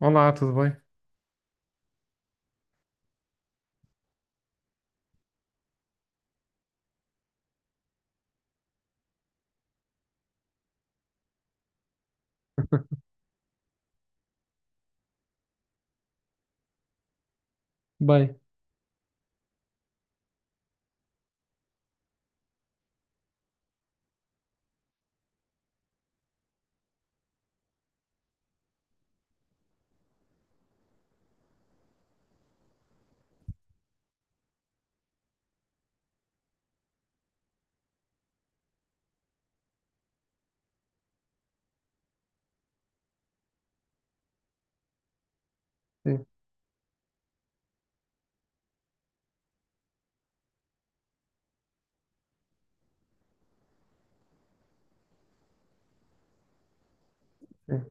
Olá, tudo bem? Bem, sim, sim,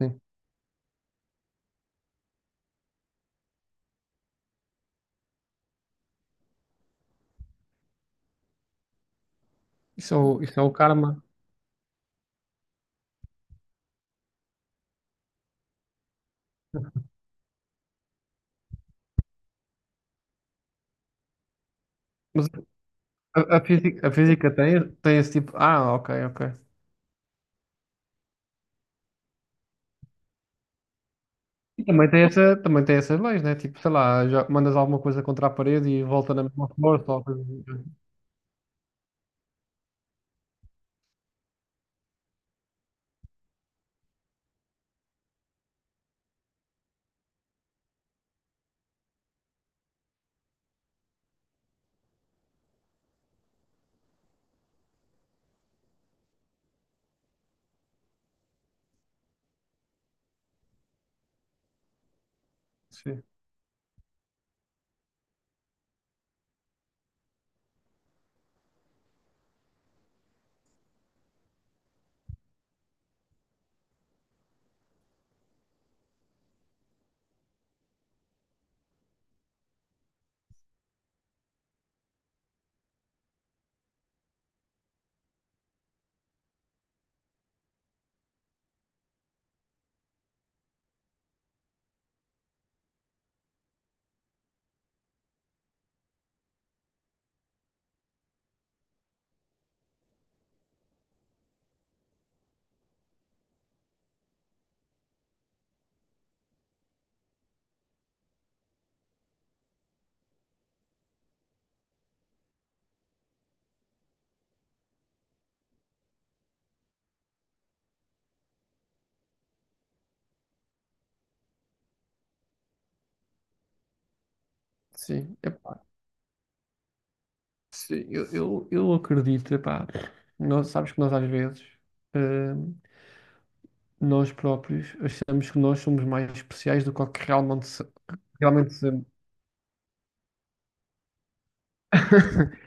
sim. Isso é o karma. Mas a física tem esse tipo. Ah, ok, ok. E também tem essas leis, né? Tipo, sei lá, já mandas alguma coisa contra a parede e volta na mesma força, ou coisa do género. Sim, sim. Epá, sim, eu acredito, epá. Nós, sabes que nós às vezes, eh, nós próprios, achamos que nós somos mais especiais do que o que realmente, realmente somos.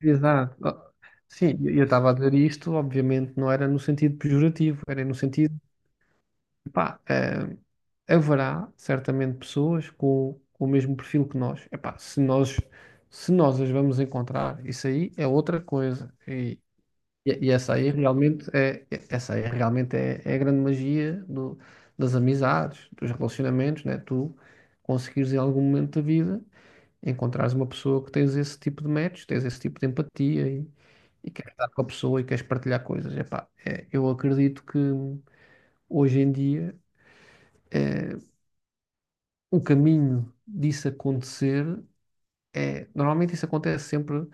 Exato. Oh, sim, eu estava a dizer isto, obviamente não era no sentido pejorativo, era no sentido, pá, haverá certamente pessoas com, o mesmo perfil que nós. Epá, se nós as vamos encontrar, isso aí é outra coisa. E essa aí realmente é é, a grande magia das amizades, dos relacionamentos, né? Tu conseguires em algum momento da vida encontrares uma pessoa que tens esse tipo de match, tens esse tipo de empatia e queres estar com a pessoa e queres partilhar coisas. Epá, é, eu acredito que hoje em dia eh, o caminho disso acontecer normalmente isso acontece sempre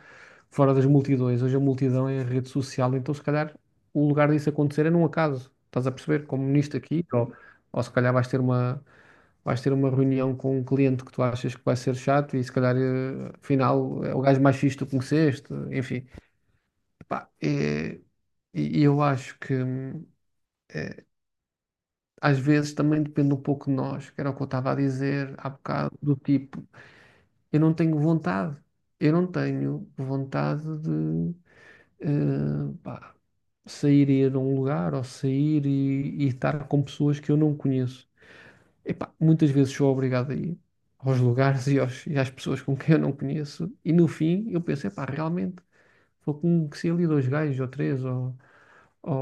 fora das multidões. Hoje a multidão é a rede social, então se calhar o lugar disso acontecer é num acaso. Estás a perceber? Como nisto aqui, ou se calhar vais ter uma reunião com um cliente que tu achas que vai ser chato e se calhar, eh, afinal, é o gajo mais fixe que tu conheceste, enfim. Pá, e eu acho que às vezes também depende um pouco de nós, que era o que eu estava a dizer há bocado, do tipo. Eu não tenho vontade. Eu não tenho vontade de pá, sair e ir a um lugar ou sair e estar com pessoas que eu não conheço. Epá, muitas vezes sou obrigado a ir aos lugares e às pessoas com quem eu não conheço. E no fim eu penso, epá, realmente vou conhecer ali dois gajos ou três ou,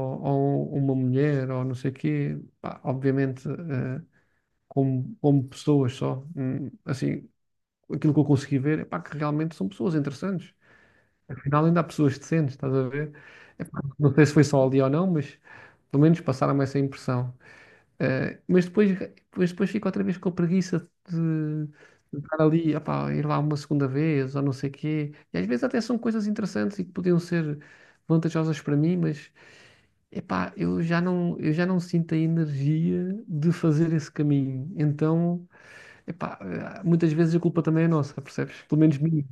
ou uma mulher ou não sei o quê. Pá, obviamente como pessoas só. Assim, aquilo que eu consegui ver, é pá, que realmente são pessoas interessantes. Afinal, ainda há pessoas decentes, estás a ver? Epá, não sei se foi só ali ou não, mas pelo menos passaram-me essa impressão. Mas depois fico outra vez com a preguiça de, de estar ali, epá, ir lá uma segunda vez ou não sei quê. E às vezes até são coisas interessantes e que podiam ser vantajosas para mim, mas epá, eu já não sinto a energia de fazer esse caminho. Então, epá, muitas vezes a culpa também é nossa, percebes? Pelo menos minha.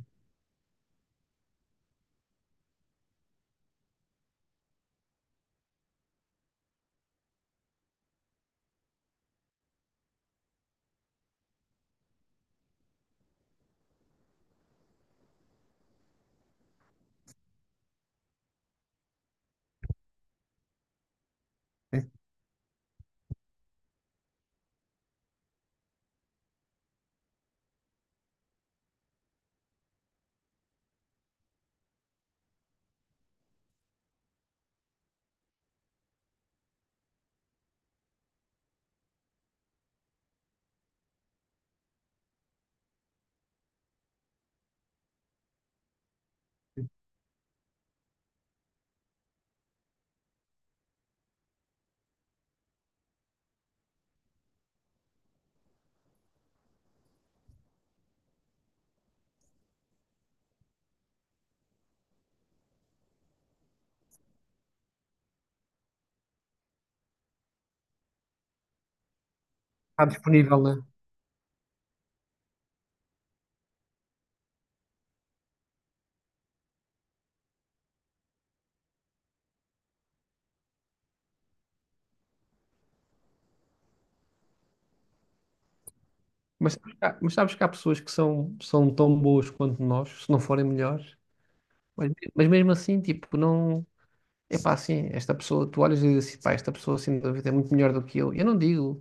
Está disponível, né? Mas, sabes que há pessoas que são tão boas quanto nós, se não forem melhores, mas mesmo assim, tipo, não. É pá assim, esta pessoa, tu olhas e dizes assim, pá, esta pessoa, assim sem vida é muito melhor do que eu. Eu não digo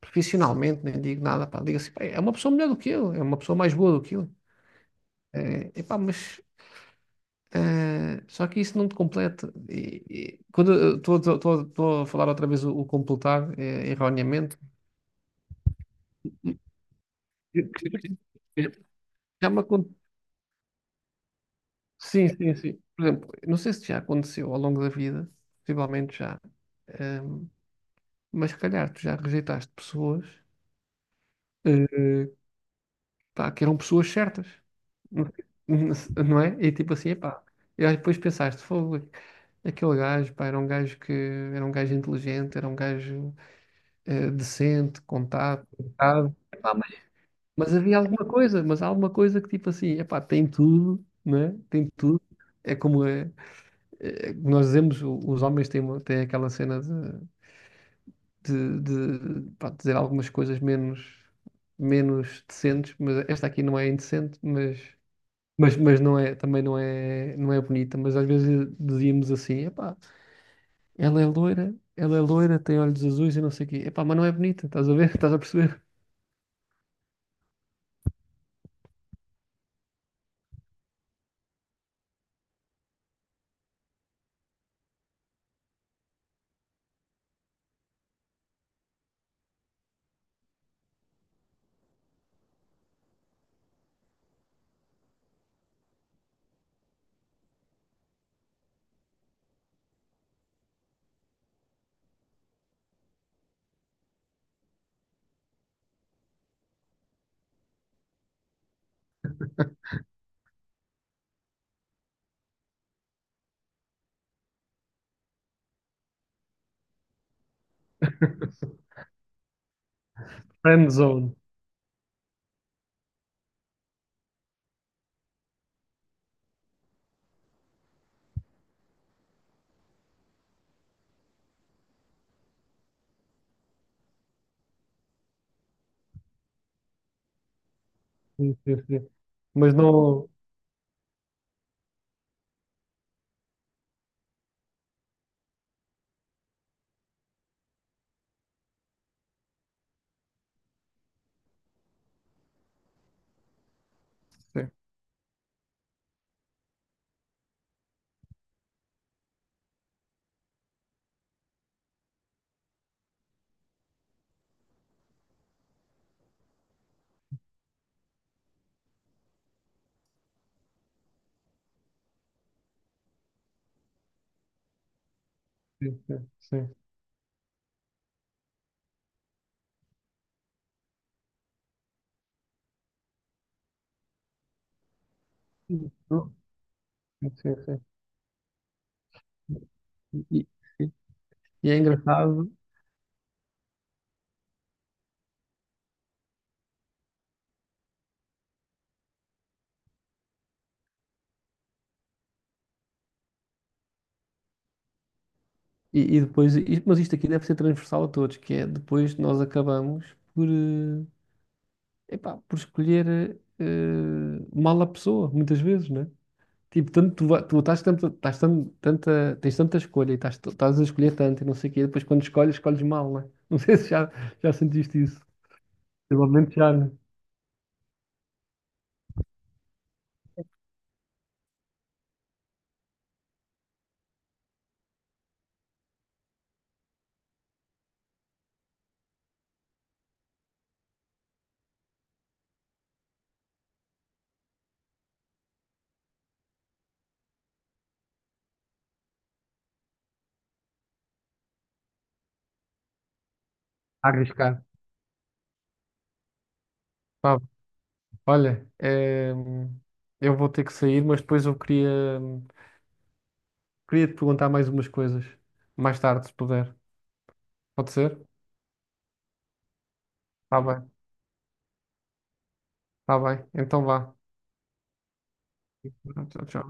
profissionalmente, nem digo nada, pá, digo assim, pá, é uma pessoa melhor do que eu, é uma pessoa mais boa do que eu. É, epá, mas, só que isso não te completa. E quando eu estou a falar outra vez o completar, erroneamente, que- que- que- já me, acon- sim, sim, sim. Por exemplo, não sei se já aconteceu ao longo da vida, possivelmente já, ehm, mas se calhar tu já rejeitaste pessoas, eh, pá, que eram pessoas certas, não sei- não é? E tipo assim, pá, e aí depois pensaste, fogo, aquele gajo, pá, era um gajo inteligente, era um gajo decente, contado, educado. Epá, mas havia alguma coisa, mas há alguma coisa que tipo assim, epá, tem tudo, não é? Tem tudo. É como é, nós dizemos, os homens têm aquela cena de, pá, dizer algumas coisas menos, decentes, mas esta aqui não é indecente, mas não é, também não é, não é bonita, mas às vezes dizíamos assim, epá, ela é loira, tem olhos azuis e não sei o quê, epá, mas não é bonita, estás a ver? Estás a perceber? Friend zone. Sim, sim, sim. Mas não. Sim, sim, sim. Sim, sim, sim. Sim. E e é engraçado. E depois, mas isto aqui deve ser transversal a todos, que é depois nós acabamos epá, por escolher mal a pessoa, muitas vezes, né? Tipo, tanto tu estás tanto, estás tan- tanta, tens tanta escolha e estás a escolher tanto e não sei o quê, depois quando escolhes, escolhes mal, né? Não sei se já sentiste isso. Provavelmente já, né? A arriscar. Pá, olha, eu vou ter que sair, mas depois eu queria, te perguntar mais umas coisas, mais tarde, se puder. Pode ser? Tá bem. Tá bem, então vá. Tchau, tchau.